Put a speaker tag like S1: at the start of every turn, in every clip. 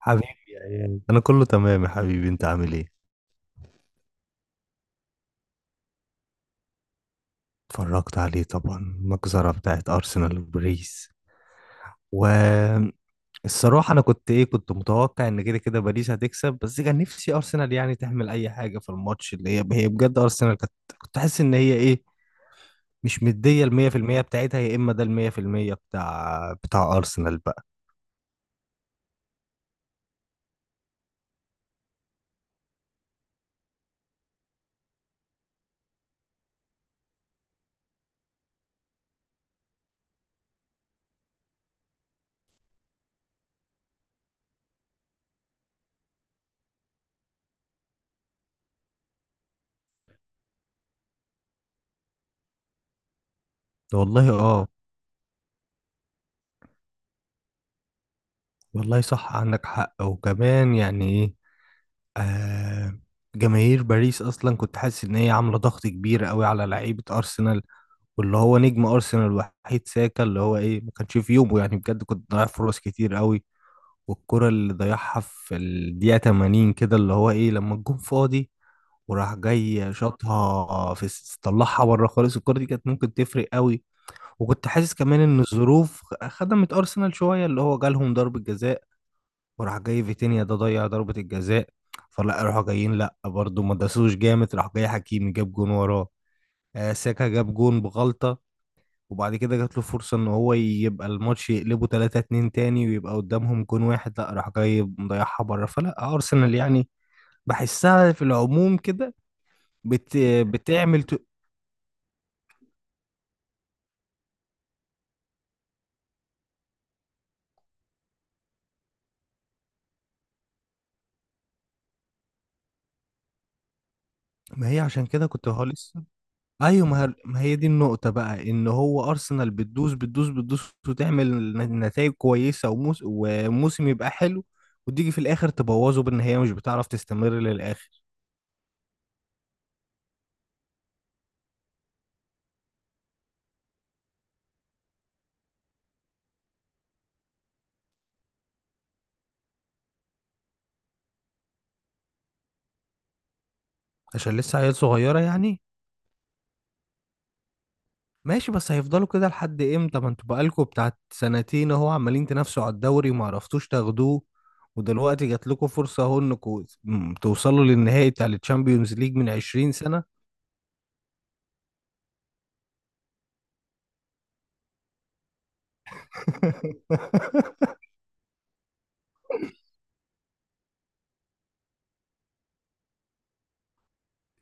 S1: حبيبي يا اياد، انا كله تمام يا حبيبي. انت عامل ايه؟ اتفرجت عليه طبعا، المجزرة بتاعت ارسنال وباريس. والصراحة انا كنت كنت متوقع ان كده كده باريس هتكسب، بس كان نفسي ارسنال يعني تعمل اي حاجة في الماتش، اللي هي بجد ارسنال كانت، كنت حاسس ان هي مش مدية ال 100% بتاعتها، يا اما ده ال 100% بتاع ارسنال بقى. والله، اه. والله صح، عندك حق. وكمان يعني آه، جماهير باريس اصلا كنت حاسس ان هي عامله ضغط كبير قوي على لعيبه ارسنال، واللي هو نجم ارسنال الوحيد ساكا، اللي هو ما كانش في يومه، يعني بجد كنت ضيع فرص كتير قوي. والكره اللي ضيعها في الدقيقه 80 كده، اللي هو لما الجون فاضي، وراح جاي شاطها طلعها بره خالص. الكره دي كانت ممكن تفرق قوي. وكنت حاسس كمان ان الظروف خدمت ارسنال شويه، اللي هو جالهم ضربه جزاء، وراح جاي فيتينيا ده ضيع ضربة الجزاء، فلا راحوا جايين، لا برضه ما داسوش جامد، راح جاي حكيمي جاب جون وراه. ساكا جاب جون بغلطة، وبعد كده جات له فرصة ان هو يبقى الماتش يقلبه 3-2 تاني، ويبقى قدامهم جون واحد، لا راح جاي مضيعها بره. فلا ارسنال يعني بحسها في العموم كده. بت... بتعمل ت... ما هي عشان كده كنت هو لسه. ايوه، ما هي دي النقطة بقى، ان هو ارسنال بتدوس بتدوس بتدوس وتعمل نتائج كويسة، وموسم يبقى حلو، وتيجي في الاخر تبوظه بان هي مش بتعرف تستمر للاخر. عشان لسه عيال صغيرة يعني. ماشي، بس هيفضلوا كده لحد امتى؟ ما انتوا بقالكوا بتاعت سنتين اهو عمالين تنافسوا على الدوري وما عرفتوش تاخدوه، ودلوقتي جات لكم فرصة اهو انكم توصلوا للنهائي بتاع الشامبيونز ليج من 20 سنة.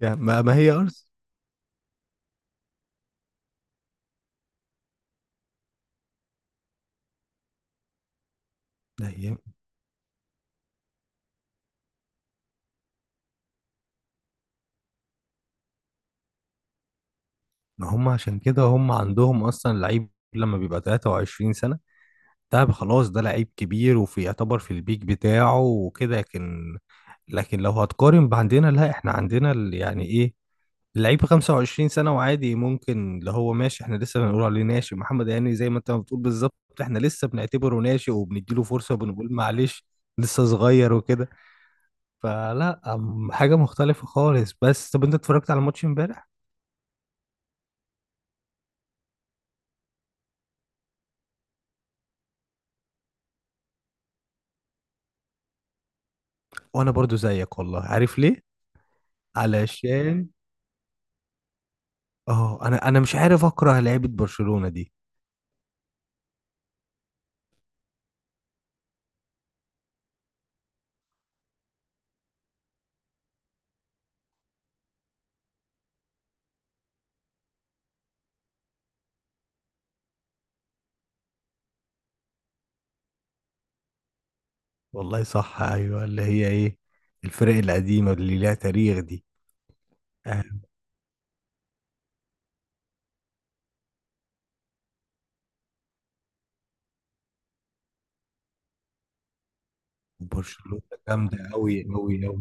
S1: يعني ما هي ارسنال. ما هم عشان كده هم عندهم اصلا لعيب لما بيبقى 23 سنة، ده خلاص ده لعيب كبير وفي يعتبر في البيك بتاعه وكده. لكن لو هتقارن بعندنا، لا احنا عندنا يعني اللعيب 25 سنة وعادي، ممكن اللي هو ماشي احنا لسه بنقول عليه ناشئ، محمد هاني زي ما انت ما بتقول بالظبط. احنا لسه بنعتبره ناشئ وبنديله فرصة وبنقول معلش، لسه صغير وكده. فلا حاجة مختلفة خالص. بس طب انت اتفرجت على ماتش امبارح؟ وانا برضو زيك والله، عارف ليه؟ علشان اه، انا مش عارف اكره لعيبه برشلونه دي. والله صح، ايوه، اللي هي الفرق القديمه اللي ليها تاريخ دي. آه، برشلونه جامده قوي قوي قوي.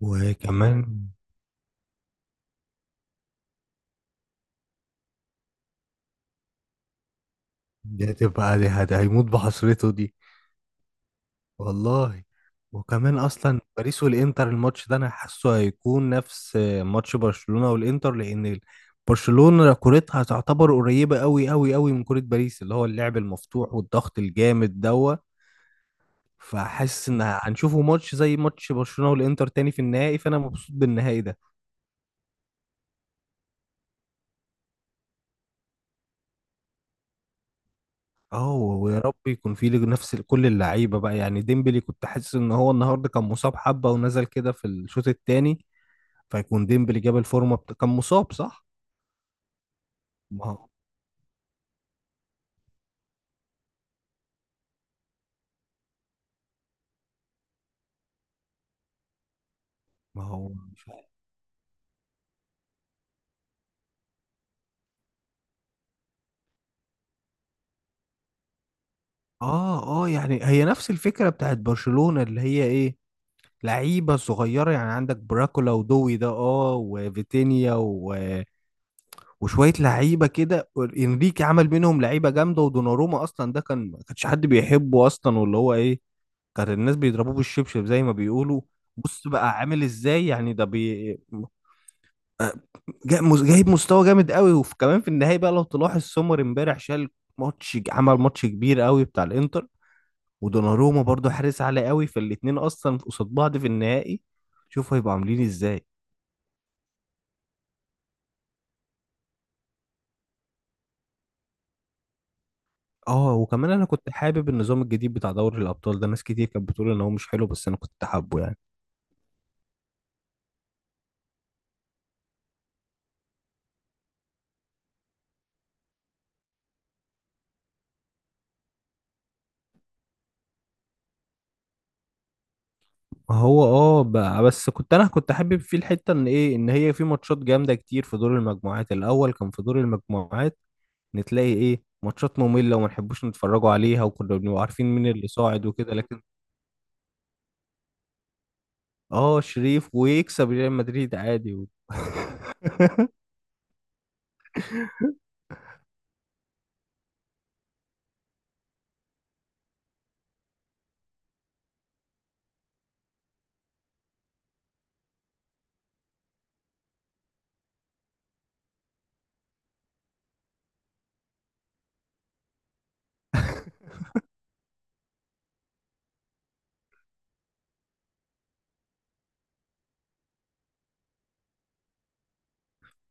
S1: وكمان دي هتبقى دي هت- هيموت بحسرته دي والله. وكمان اصلا باريس والانتر الماتش ده انا حاسه هيكون نفس ماتش برشلونه والانتر، لان برشلونه كورتها تعتبر قريبه قوي قوي قوي من كوره باريس، اللي هو اللعب المفتوح والضغط الجامد دوت. فحاسس ان هنشوفه ماتش زي ماتش برشلونة والانتر تاني في النهائي، فانا مبسوط بالنهائي ده. اه، ويا رب يكون فيه نفس كل اللعيبه بقى. يعني ديمبلي كنت حاسس ان هو النهارده كان مصاب حبه ونزل كده في الشوط التاني، فيكون ديمبلي جاب الفورمه كان مصاب صح؟ ما هو ما هو مش عارف. اه، اه، يعني هي نفس الفكره بتاعت برشلونة، اللي هي لعيبه صغيره. يعني عندك براكولا ودوي ده، اه، وفيتينيا و وشويه لعيبه كده. انريكي عمل منهم لعيبه جامده، ودوناروما اصلا ده كان ما كانش حد بيحبه اصلا، واللي هو كان الناس بيضربوه بالشبشب زي ما بيقولوا. بص بقى عامل ازاي. يعني ده آه، جايب مستوى جامد قوي، وكمان في النهايه بقى لو تلاحظ سومر امبارح شال ماتش، عمل ماتش كبير قوي بتاع الانتر. ودوناروما برضو حارس عالي قوي، فالاتنين اصلا قصاد بعض في النهائي، شوفوا هيبقوا عاملين ازاي. اه، وكمان انا كنت حابب النظام الجديد بتاع دوري الابطال ده، ناس كتير كانت بتقول ان هو مش حلو، بس انا كنت حابه يعني. هو اه بقى، بس انا كنت حابب فيه الحته ان ان هي في ماتشات جامده كتير. في دور المجموعات الاول، كان في دور المجموعات نتلاقي ماتشات ممله وما نحبوش نتفرجوا عليها، وكنا بنبقى عارفين مين اللي صاعد وكده. لكن اه، شريف ويكسب ريال مدريد عادي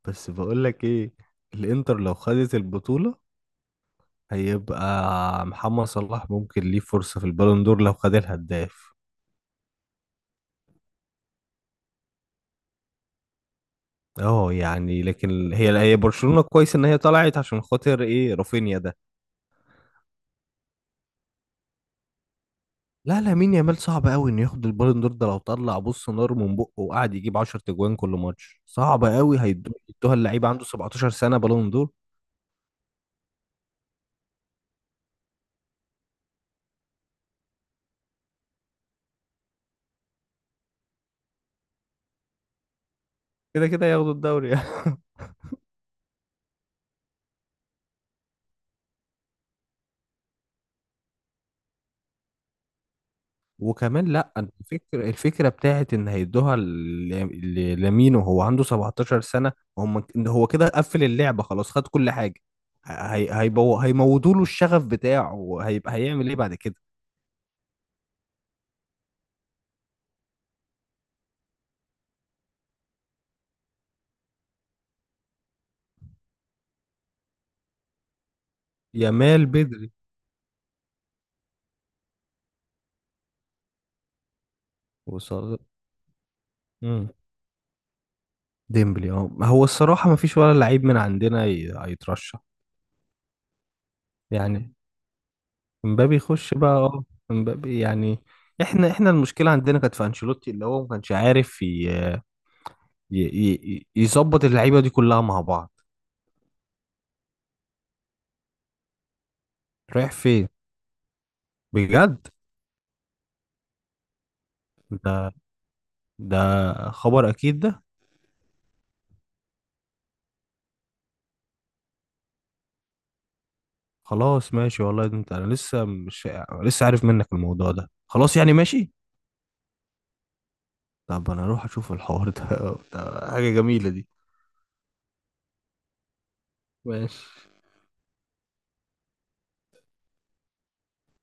S1: بس بقول لك ايه، الانتر لو خدت البطوله هيبقى محمد صلاح ممكن ليه فرصة في البالون دور لو خد الهداف. اه يعني، لكن هي برشلونة كويس ان هي طلعت عشان خاطر رافينيا ده. لا، لامين يامال صعب قوي انه ياخد البالون دور ده. لو طلع بص نار من بقه وقعد يجيب 10 تجوان كل ماتش، صعب قوي هيدوها اللعيبة عنده 17 سنة بالون دور. كده كده ياخدوا الدوري. وكمان لا، أنا الفكرة بتاعت ان هيدوها لمين وهو عنده 17 سنة. هو كده قفل اللعبة، خلاص خد كل حاجة. هي هيبو هيموتوا له الشغف بتاعه، وهيبقى هيعمل ايه بعد كده. يامال بدري. وصل. امم ديمبلي اه، هو الصراحة ما فيش ولا لعيب من عندنا هيترشح. يعني امبابي يخش بقى اه. امبابي يعني، احنا المشكلة عندنا كانت في انشيلوتي، اللي هو ما كانش عارف يظبط اللعيبة دي كلها مع بعض. رايح فين بجد؟ ده ده خبر اكيد ده؟ خلاص ماشي والله، ده انت انا لسه مش لسه عارف منك الموضوع ده. خلاص يعني، ماشي. طب انا اروح اشوف الحوار ده، ده حاجة جميلة دي. ماشي